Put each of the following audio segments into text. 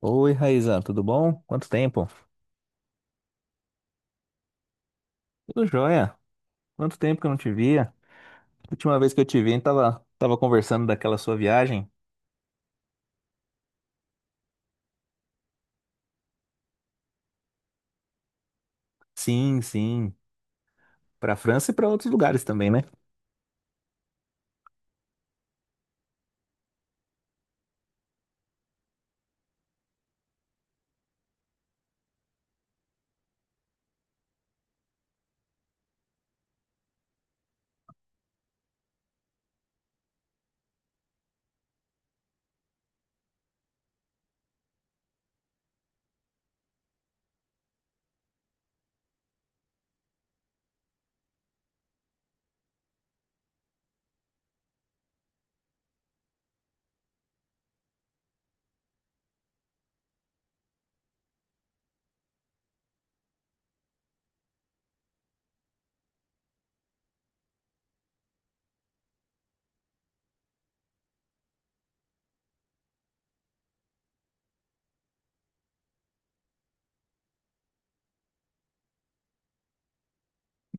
Oi, Raizan, tudo bom? Quanto tempo? Tudo jóia. Quanto tempo que eu não te via? Última vez que eu te vi, tava conversando daquela sua viagem. Sim, sim. Pra França e pra outros lugares também, né?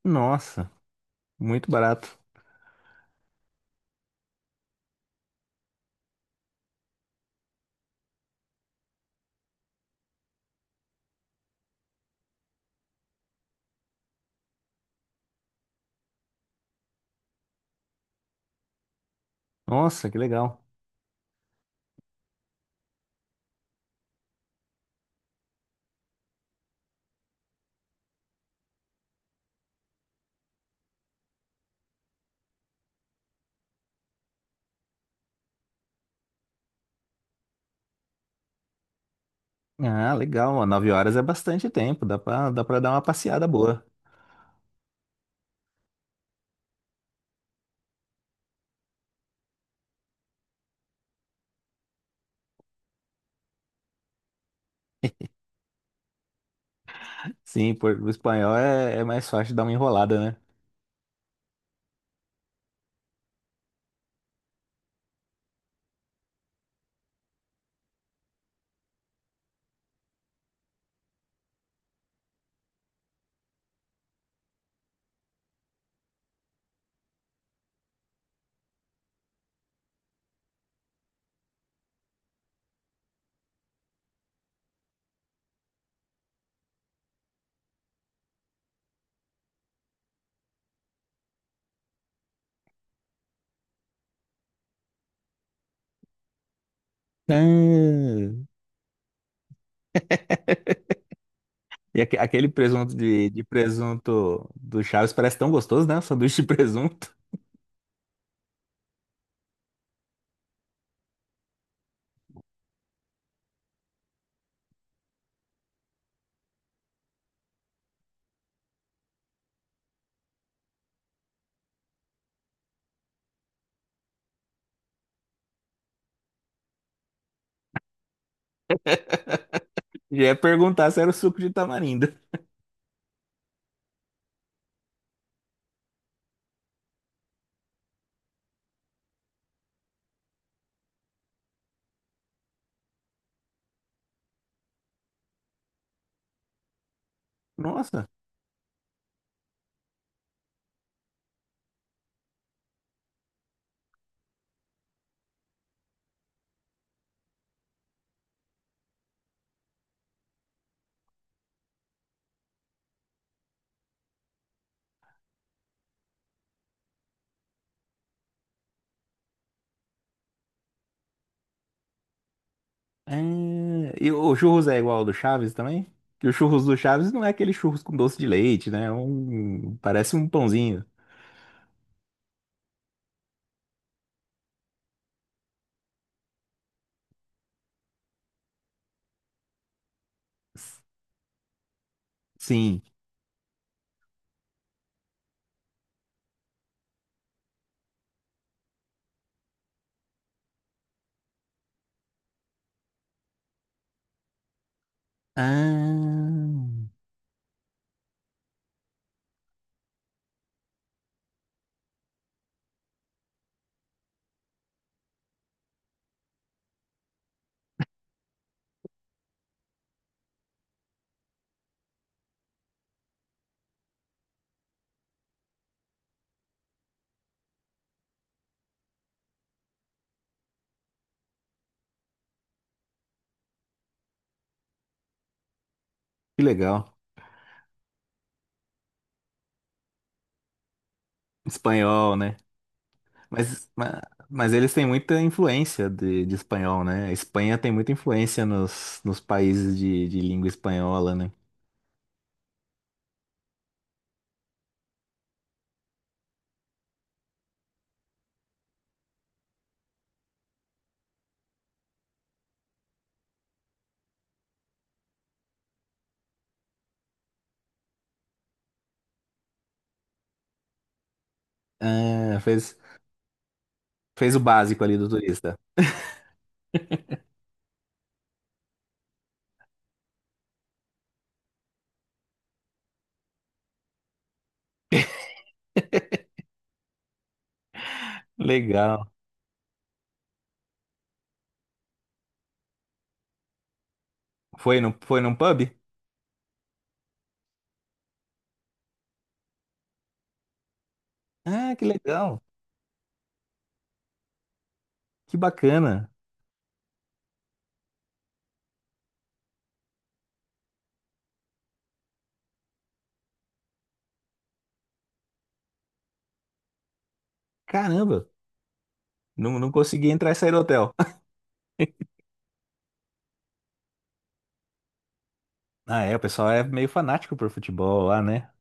Nossa, muito barato. Nossa, que legal. Ah, legal. Ó, 9 horas é bastante tempo. Dá pra dar uma passeada boa. Sim, o espanhol é mais fácil dar uma enrolada, né? Ah, e aquele presunto de presunto do Chaves parece tão gostoso, né? Sanduíche de presunto. Já ia perguntar se era o suco de tamarindo. Nossa. É, e o churros é igual ao do Chaves também? Que o churros do Chaves não é aquele churros com doce de leite, né? Parece um pãozinho. S- Sim. Ah, que legal. Espanhol, né? Mas, mas eles têm muita influência de espanhol, né? A Espanha tem muita influência nos países de língua espanhola, né? Ah, fez o básico ali do turista. Legal. Foi no, foi num pub? Ah, que legal. Que bacana. Caramba, não, não consegui entrar e sair do hotel. Ah, é, o pessoal é meio fanático por futebol lá, né?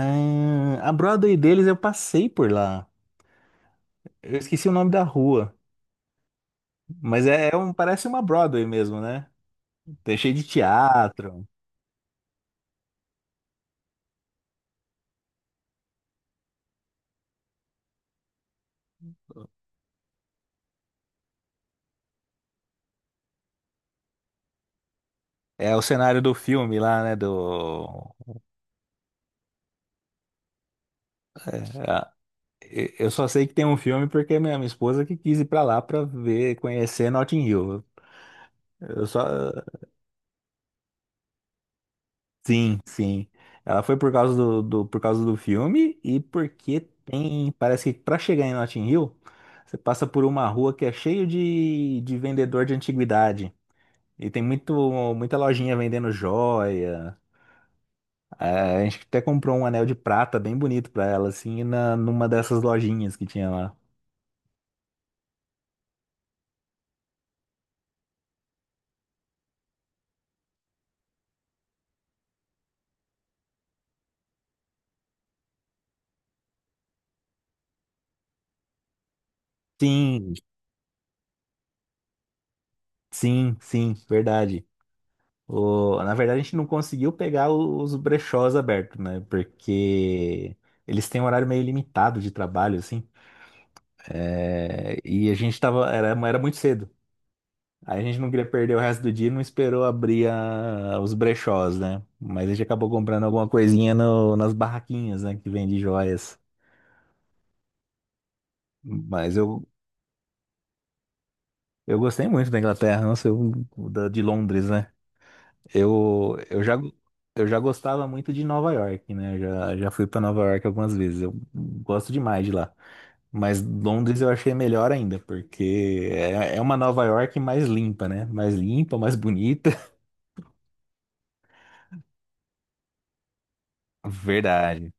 Ah, a Broadway deles eu passei por lá. Eu esqueci o nome da rua, mas é um, parece uma Broadway mesmo, né? Tem cheio de teatro. É o cenário do filme lá, né? É, eu só sei que tem um filme porque é minha esposa que quis ir pra lá pra ver, conhecer Notting Hill. Eu só, Sim, sim. Ela foi por causa do filme e porque tem. Parece que pra chegar em Notting Hill, você passa por uma rua que é cheio de vendedor de antiguidade. E tem muita lojinha vendendo joia. É, a gente até comprou um anel de prata bem bonito pra ela, assim, numa dessas lojinhas que tinha lá. Sim, sim, sim, verdade. Na verdade, a gente não conseguiu pegar os brechós abertos, né? Porque eles têm um horário meio limitado de trabalho, assim. É, e a gente tava. Era muito cedo. Aí a gente não queria perder o resto do dia e não esperou abrir os brechós, né? Mas a gente acabou comprando alguma coisinha nas barraquinhas, né? Que vende joias. Mas eu gostei muito da Inglaterra, não sei, de Londres, né? Eu, eu já, eu já gostava muito de Nova York, né? Eu já fui para Nova York algumas vezes. Eu gosto demais de lá. Mas Londres eu achei melhor ainda, porque é uma Nova York mais limpa, né? Mais limpa, mais bonita. Verdade.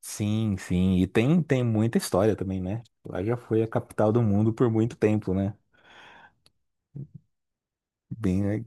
Sim, sim. E tem muita história também, né? Lá já foi a capital do mundo por muito tempo, né? Bem, né?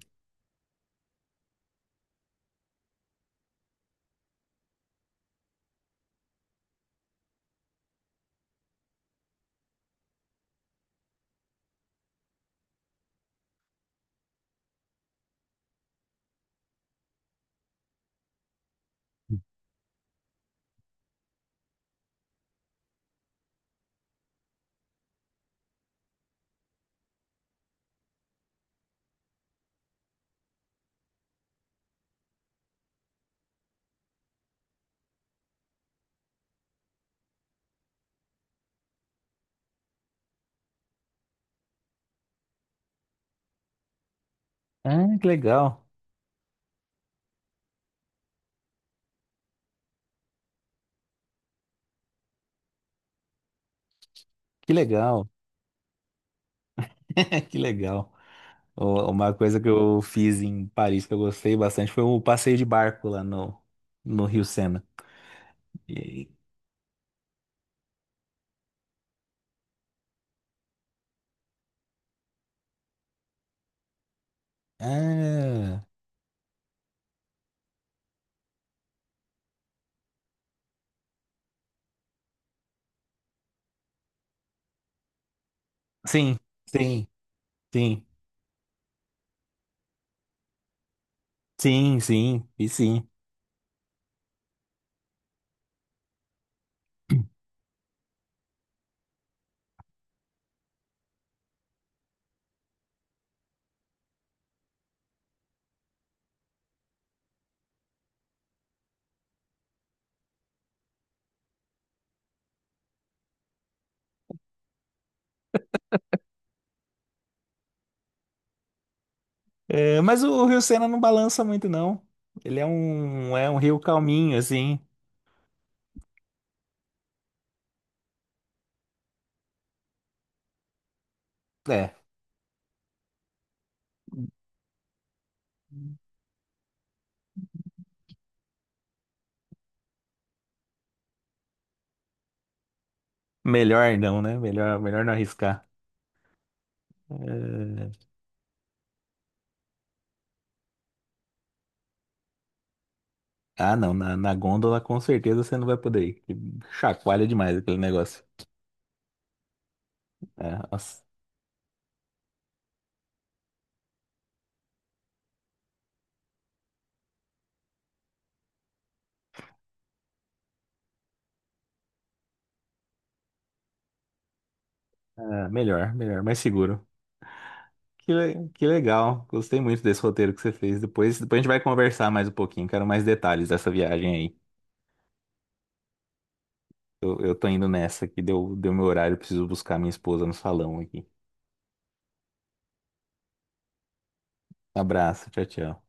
Ah, que legal. Que legal. Que legal. Uma coisa que eu fiz em Paris que eu gostei bastante foi o passeio de barco lá no Rio Sena. E- Ah, sim, sim, sim, sim, sim, e sim. É, mas o Rio Sena não balança muito, não. Ele é um, rio calminho, assim. É, melhor não, né? Melhor não arriscar. É, ah, não, na gôndola com certeza você não vai poder ir. Que Chacoalha demais aquele negócio. É, nossa, é, melhor, mais seguro. Que legal. Gostei muito desse roteiro que você fez. Depois a gente vai conversar mais um pouquinho. Quero mais detalhes dessa viagem aí. Eu tô indo nessa que deu meu horário. Preciso buscar minha esposa no salão aqui. Abraço. Tchau, tchau.